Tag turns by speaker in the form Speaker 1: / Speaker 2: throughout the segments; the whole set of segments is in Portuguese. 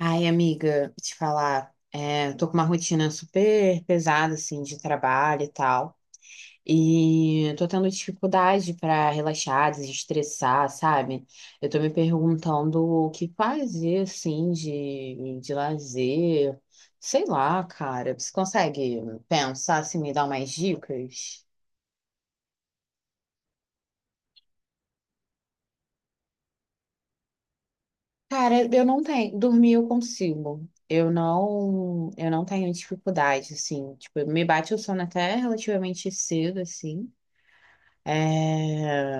Speaker 1: Ai, amiga, te falar, tô com uma rotina super pesada, assim, de trabalho e tal. E tô tendo dificuldade pra relaxar, desestressar, sabe? Eu tô me perguntando o que fazer, assim, de lazer. Sei lá, cara. Você consegue pensar, assim, me dar umas dicas? Cara, eu não tenho. Dormir eu consigo. Eu não tenho dificuldade, assim. Tipo, me bate o sono até relativamente cedo, assim. É.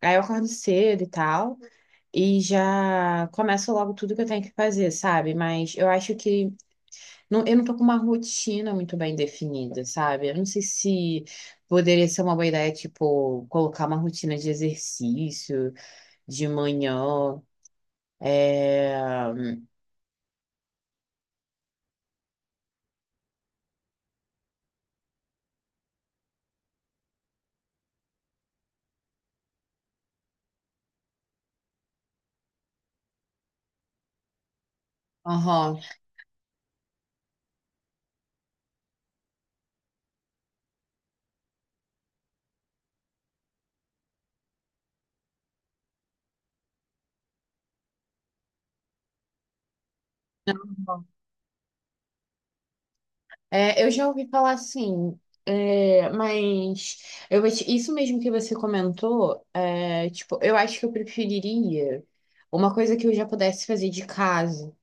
Speaker 1: Aí eu acordo cedo e tal. E já começo logo tudo que eu tenho que fazer, sabe? Mas eu acho que não, eu não tô com uma rotina muito bem definida, sabe? Eu não sei se poderia ser uma boa ideia, tipo, colocar uma rotina de exercício de manhã. É... Aham. É, eu já ouvi falar assim, é, mas isso mesmo que você comentou, é, tipo, eu acho que eu preferiria uma coisa que eu já pudesse fazer de casa.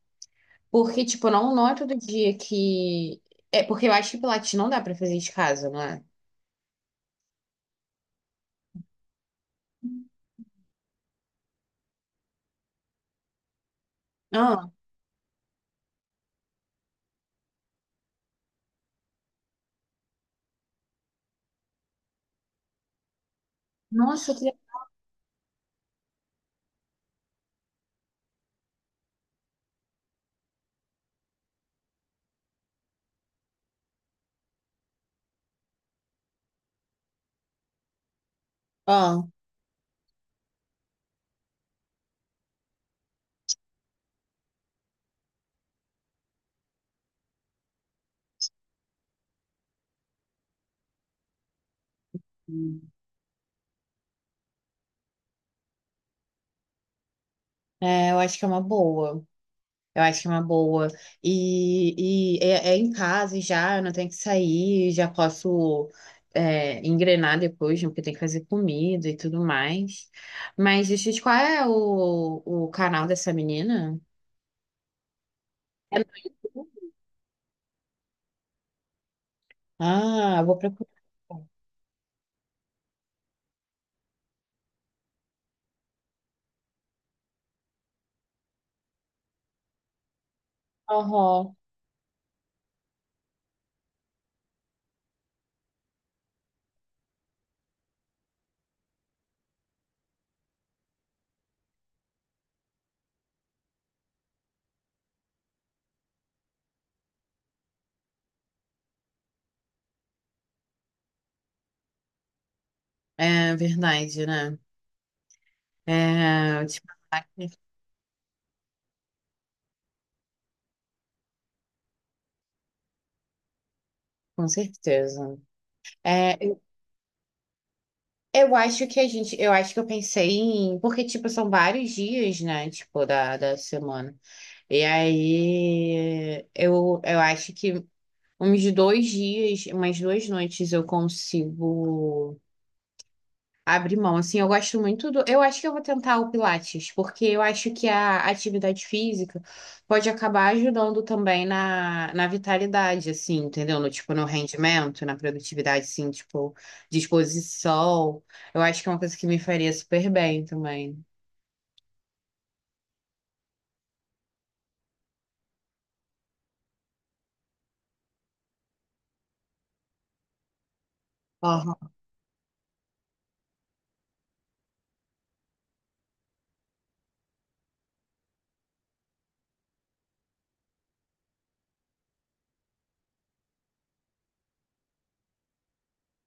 Speaker 1: Porque, tipo, não é todo dia que. É porque eu acho que Pilates não dá pra fazer de casa, não é? Ah, nossa, que. Ah, é, eu acho que é uma boa. Eu acho que é uma boa. E é em casa e já, eu não tenho que sair, já posso engrenar depois, né, porque tem que fazer comida e tudo mais. Mas deixa eu te qual é o canal dessa menina? É no- Ah, eu vou procurar. Aham. É verdade, né? É, tipo, com certeza. É, eu acho que a gente, eu acho que eu pensei em, porque, tipo, são vários dias, né? Tipo, da semana. E aí, eu acho que uns dois dias, umas duas noites eu consigo abrir mão. Assim, eu gosto muito do. Eu acho que eu vou tentar o Pilates, porque eu acho que a atividade física pode acabar ajudando também na vitalidade, assim, entendeu? No, tipo, no rendimento, na produtividade, assim, tipo, disposição. Eu acho que é uma coisa que me faria super bem também.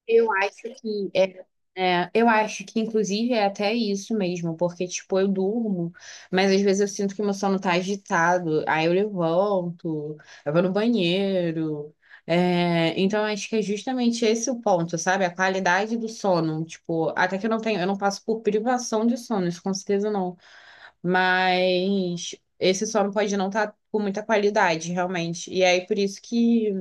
Speaker 1: Eu acho que eu acho que inclusive é até isso mesmo, porque tipo eu durmo, mas às vezes eu sinto que meu sono tá agitado, aí eu levanto, eu vou no banheiro. É, então acho que é justamente esse o ponto, sabe? A qualidade do sono, tipo, até que eu não tenho, eu não passo por privação de sono, isso com certeza não, mas esse sono pode não estar com muita qualidade, realmente. E aí por isso que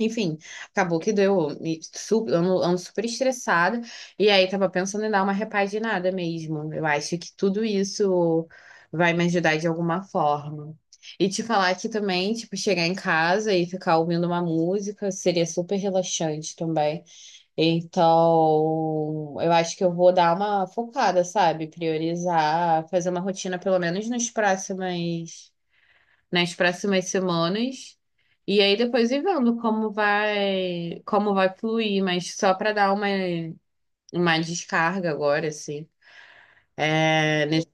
Speaker 1: enfim, acabou que deu. Ando, ando super estressada. E aí, tava pensando em dar uma repaginada mesmo. Eu acho que tudo isso vai me ajudar de alguma forma. E te falar que também, tipo, chegar em casa e ficar ouvindo uma música seria super relaxante também. Então, eu acho que eu vou dar uma focada, sabe? Priorizar, fazer uma rotina, pelo menos nos próximos nas próximas semanas. E aí depois ir vendo como vai fluir, mas só para dar uma descarga agora, assim. É, nesse-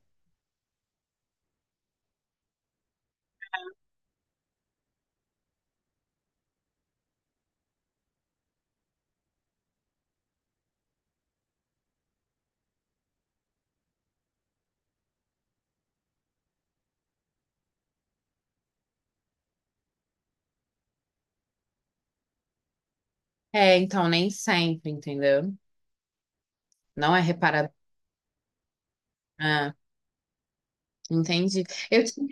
Speaker 1: é, então nem sempre, entendeu? Não é reparado. Ah, entendi. Eu tinha,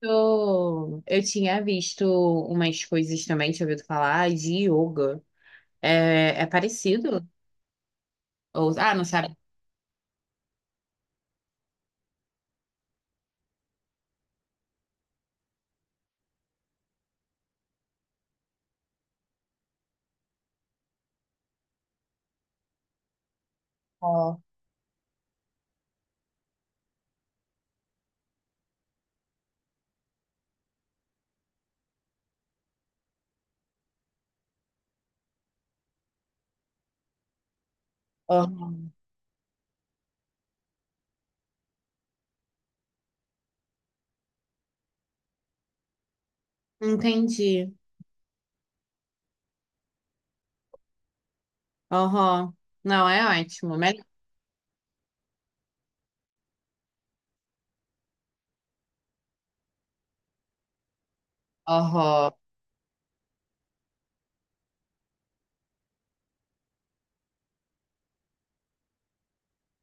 Speaker 1: eu tinha visto umas coisas também, tinha ouvido falar de yoga. É, é parecido? Ou, ah, não sabe? Ó, ó. Entendi. Aham. Não, é ótimo. Melhor. Aham.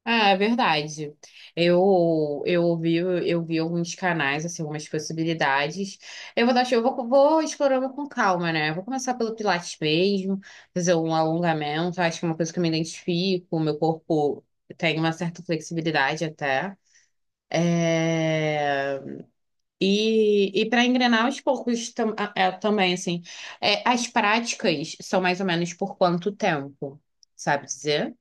Speaker 1: Ah, é verdade. Eu vi alguns canais assim, algumas possibilidades. Eu vou explorando com calma, né? Vou começar pelo Pilates mesmo, fazer um alongamento. Acho que é uma coisa que eu me identifico. Meu corpo tem uma certa flexibilidade até. É, e para engrenar aos poucos também assim, é, as práticas são mais ou menos por quanto tempo, sabe dizer?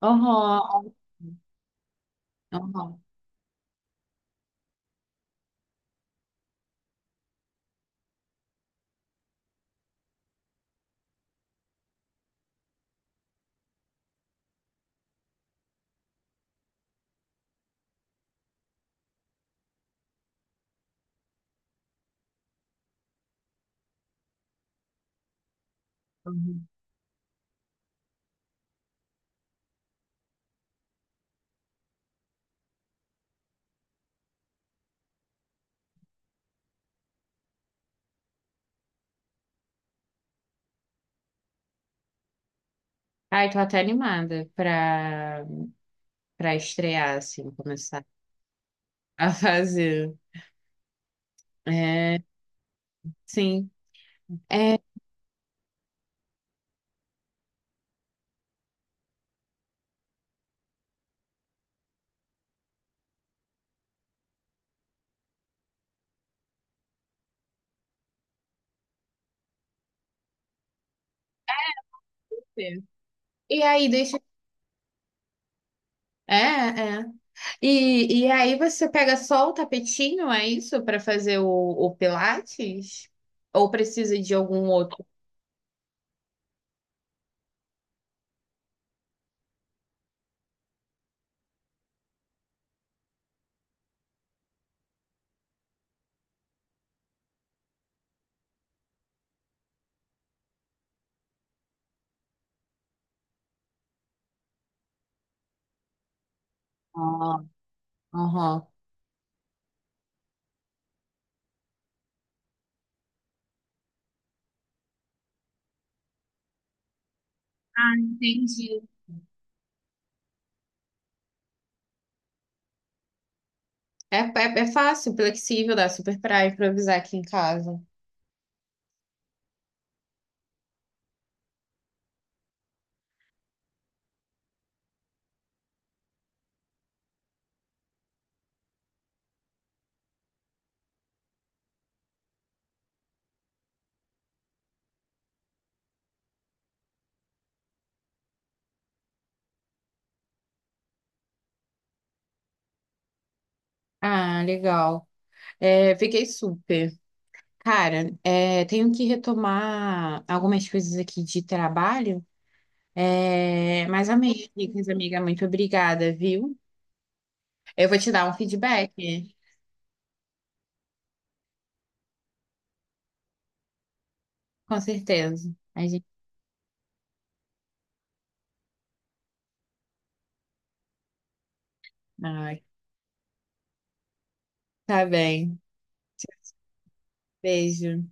Speaker 1: Aham, aham. Ai, tô até animada pra, pra estrear, assim, começar a fazer. É, sim. É. E aí, deixa. É, é. E aí você pega só o tapetinho, é isso, pra fazer o Pilates? Ou precisa de algum outro? Ah, aham. Entendi. É fácil, flexível, dá super pra improvisar aqui em casa. Ah, legal. É, fiquei super. Cara, é, tenho que retomar algumas coisas aqui de trabalho, é, mas amei, Nicas, amiga, muito obrigada, viu? Eu vou te dar um feedback, com certeza. A gente... Ai, tá bem. Beijo.